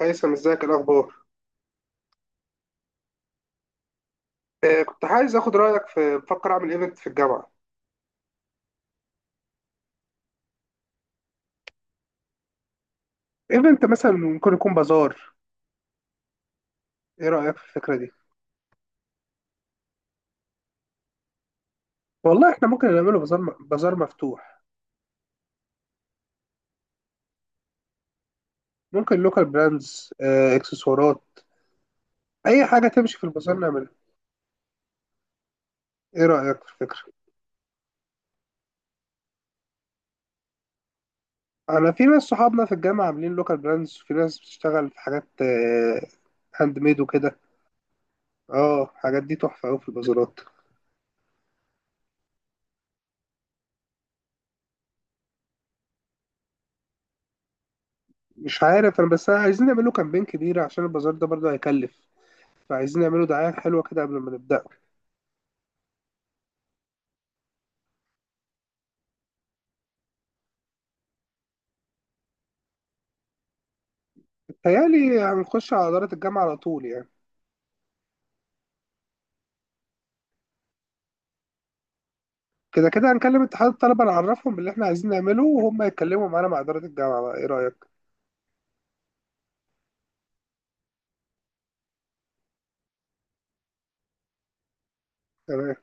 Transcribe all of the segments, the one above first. هيثم، ازيك؟ إيه الاخبار؟ آه، كنت عايز اخد رايك في، بفكر اعمل ايفنت في الجامعه. ايفنت مثلا ممكن يكون بازار. ايه رايك في الفكره دي؟ والله احنا ممكن نعمله بازار بازار مفتوح. ممكن لوكال براندز، آه اكسسوارات، اي حاجه تمشي في البازار نعملها. ايه رايك في الفكره؟ انا في ناس صحابنا في الجامعه عاملين لوكال براندز، وفي ناس بتشتغل في حاجات، هاند ميد وكده. اه الحاجات دي تحفه قوي في البازارات. مش عارف، انا بس عايزين نعمله كامبين كبير عشان البازار ده برضه هيكلف، فعايزين نعمله دعاية حلوة كده قبل ما نبدأ. بتهيألي هنخش على إدارة الجامعة على طول يعني. كده كده هنكلم اتحاد الطلبة، نعرفهم باللي احنا عايزين نعمله، وهم يتكلموا معانا مع إدارة الجامعة بقى. ايه رأيك؟ تمام.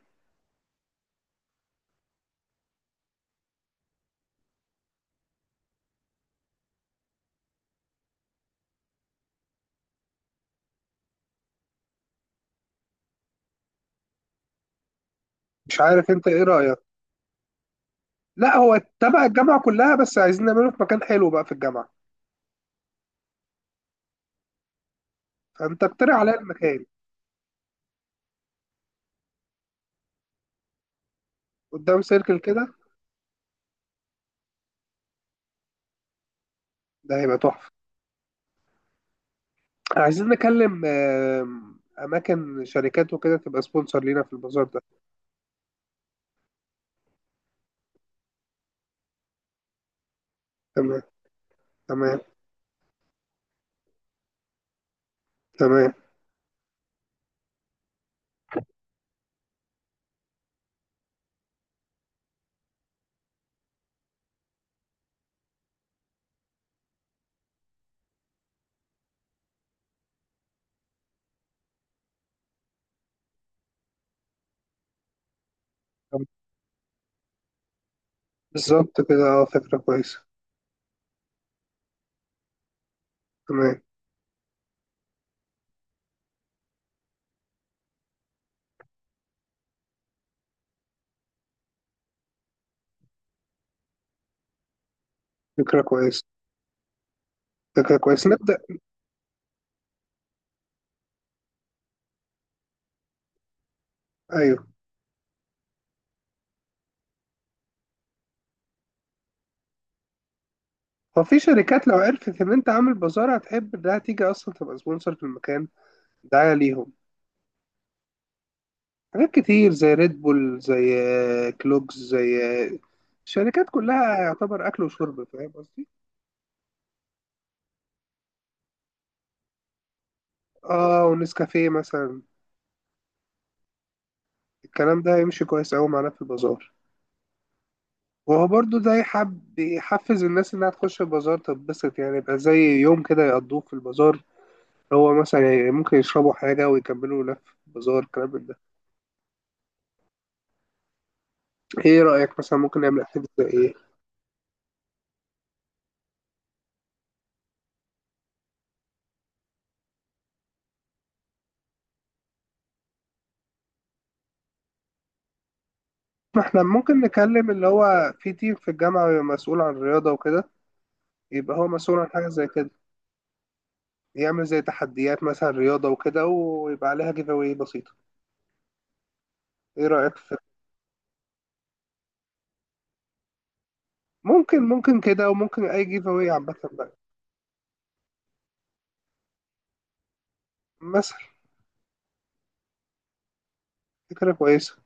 مش عارف، انت ايه رأيك؟ لا هو تبع الجامعة كلها، بس عايزين نعمله في مكان حلو بقى في الجامعة. فانت اقترح عليا المكان. قدام سيركل كده ده هيبقى تحفة. عايزين نكلم أماكن شركات وكده تبقى سبونسر لينا في البازار ده. تمام. تمام. تمام. بالظبط كده. اه فكرة كويسة. تمام. فكرة كويسة. فكرة كويسة، نبدأ. أيوه. هو في شركات لو عرفت إن أنت عامل بازار هتحب إنها تيجي أصلا تبقى سبونسر في المكان، دعاية ليهم. حاجات كتير زي ريد بول، زي، كلوكس، زي، آه، الشركات كلها يعتبر أكل وشرب. فاهم قصدي؟ آه ونسكافيه مثلا. الكلام ده هيمشي كويس أوي معانا في البازار. وهو برضو ده يحب يحفز الناس إنها تخش البازار تتبسط، يعني يبقى زي يوم كده يقضوه في البازار. هو مثلا يعني ممكن يشربوا حاجة ويكملوا لف بازار، الكلام من ده. ايه رأيك مثلا ممكن نعمل اكتيفيتي زي ايه؟ ما احنا ممكن نكلم اللي هو في تيم في الجامعة بيبقى مسؤول عن الرياضة وكده. يبقى هو مسؤول عن حاجة زي كده، يعمل زي تحديات مثلا رياضة وكده، ويبقى عليها جيف اواي بسيطة. ايه رأيك في؟ ممكن، ممكن كده، وممكن اي جيف اواي عامة بقى. مثلا. فكرة كويسة.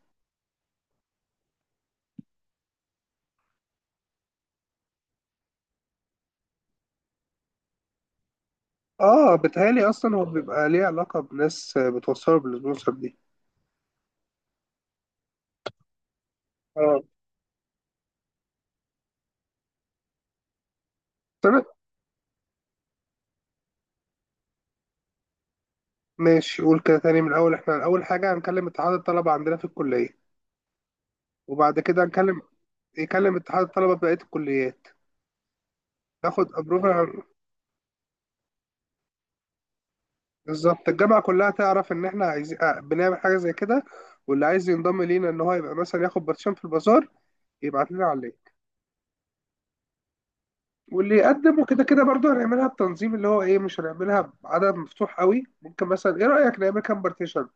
اه بتهيألي اصلا هو بيبقى ليه علاقة بناس بتوصله بالسبونسر دي. اه. بس ماشي، قول كده تاني من الأول. إحنا أول حاجة هنكلم اتحاد الطلبة عندنا في الكلية، وبعد كده هنكلم، يكلم اتحاد الطلبة في بقية الكليات. ناخد أبروفال بالظبط، الجامعة كلها تعرف إن إحنا عايزين، بنعمل حاجة زي كده. واللي عايز ينضم لينا إن هو يبقى مثلا ياخد باتشان في البازار، يبعت لنا عليه. واللي يقدم وكده كده برضه هنعملها بتنظيم. اللي هو إيه، مش هنعملها بعدد مفتوح قوي. ممكن مثلا، إيه رأيك نعمل كام بارتيشن؟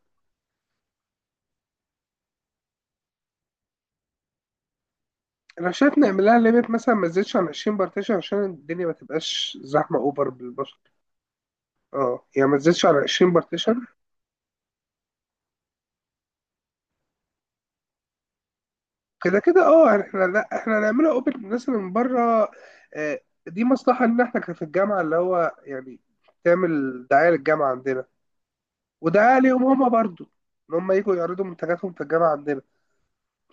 أنا شايف نعملها ليميت مثلا، ما تزيدش عن 20 بارتيشن عشان الدنيا ما تبقاش زحمة أوفر بالبشر. اه يعني ما تزيدش على 20 بارتيشن. كده كده اه، يعني احنا، لا احنا هنعملها اوبن للناس اللي من بره. آه، دي مصلحه، ان احنا كان في الجامعه اللي هو يعني تعمل دعايه للجامعه عندنا، ودعايه ليهم هما برضو، ان هم يجوا يعرضوا منتجاتهم في الجامعه عندنا.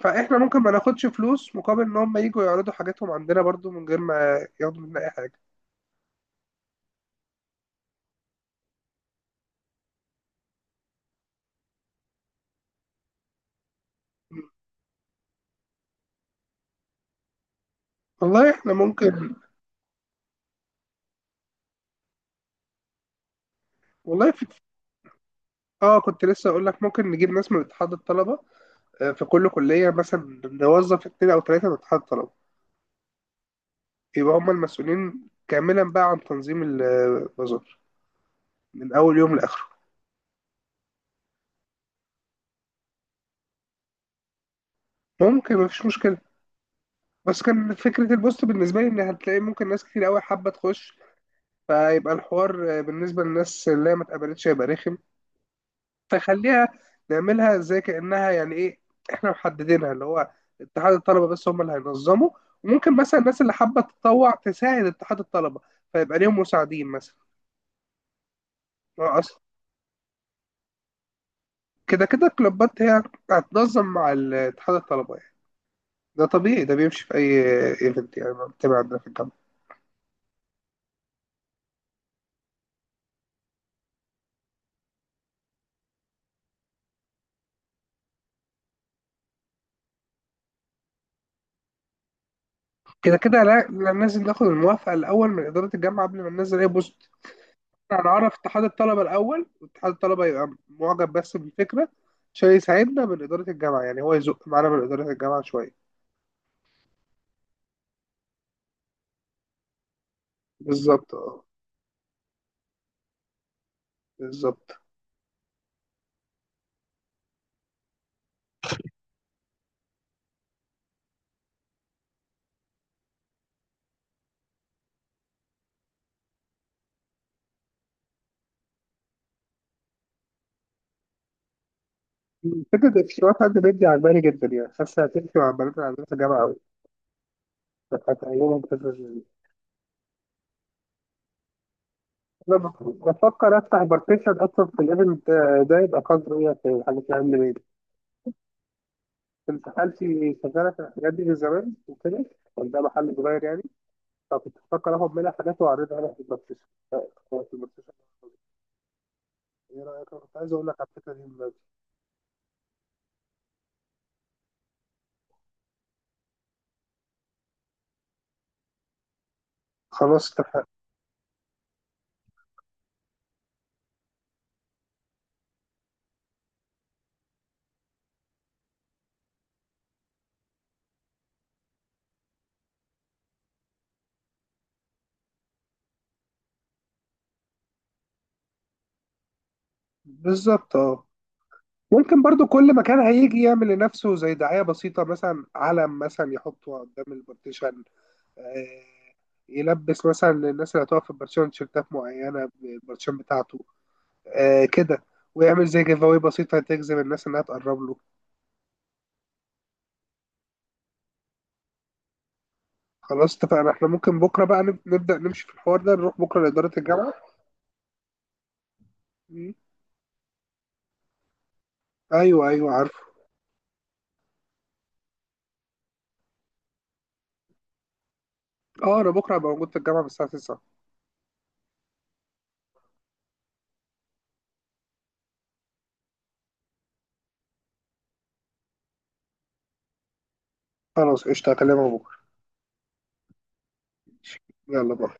فاحنا ممكن ما ناخدش فلوس مقابل ان هم يجوا يعرضوا حاجاتهم عندنا، برضو من غير ما ياخدوا مننا اي حاجه. والله احنا ممكن. والله في. اه كنت لسه اقول لك، ممكن نجيب ناس من اتحاد الطلبه. في كل كليه مثلا نوظف 2 او 3 من اتحاد الطلبه، يبقى هم المسؤولين كاملا بقى عن تنظيم البازار، من اول يوم لاخره. ممكن، مفيش مشكله. بس كان فكره البوست بالنسبه لي ان هتلاقي ممكن ناس كتير قوي حابه تخش، فيبقى الحوار بالنسبه للناس اللي ما اتقبلتش هيبقى رخم. فخليها، نعملها زي كانها، يعني ايه، احنا محددينها اللي هو اتحاد الطلبه بس هم اللي هينظموا. وممكن مثلا الناس اللي حابه تتطوع تساعد اتحاد الطلبه، فيبقى ليهم مساعدين مثلا. هو اصلا كده كده الكلوبات هي هتنظم مع اتحاد الطلبه يعني. ده طبيعي، ده بيمشي في أي ايفنت يعني بتابع عندنا في الجامعة. كده كده لا، لا لازم ناخد الموافقة الأول من إدارة الجامعة قبل ما ننزل أي بوست. هنعرف اتحاد الطلبة الأول، واتحاد الطلبة يبقى معجب بس بالفكرة عشان يساعدنا من إدارة الجامعة، يعني هو يزق معانا من إدارة الجامعة شوية. بالظبط اه. بالظبط. فكرة التسويقات عند بنتي عجباني جدا، يعني حاسة هتمشي مع البنات اللي عندنا في الجامعة أوي. هتعجبهم الفكرة دي. أنا بفكر أفتح بارتيشن أصلا في الإيفنت ده، يبقى قدر إيه في الحاجات اللي عندي. انت خالتي شغاله في الحاجات دي من زمان وكده، كان ده محل صغير يعني. فكنت بفكر اخد منها حاجات واعرضها عليها في الماركت، في الماركت. ايه رايك؟ انا كنت عايز اقول لك على الفكره دي من بدري. خلاص اتفقنا. بالظبط اه. ممكن برضو كل مكان هيجي يعمل لنفسه زي دعايه بسيطه، مثلا علم مثلا يحطه قدام البارتيشن، آه، يلبس مثلا للناس اللي هتقف في البارتيشن تيشيرتات معينه بالبارتيشن بتاعته، كده. ويعمل زي جيف اواي بسيطه تجذب الناس انها تقرب له. خلاص اتفقنا. احنا ممكن بكره بقى نبدا نمشي في الحوار ده، نروح بكره لاداره الجامعه. مم. ايوه ايوه عارفه. اه انا بكره هبقى موجود في الجامعه من الساعه 9. خلاص قشطه، هكلمك بكره. يلا باي.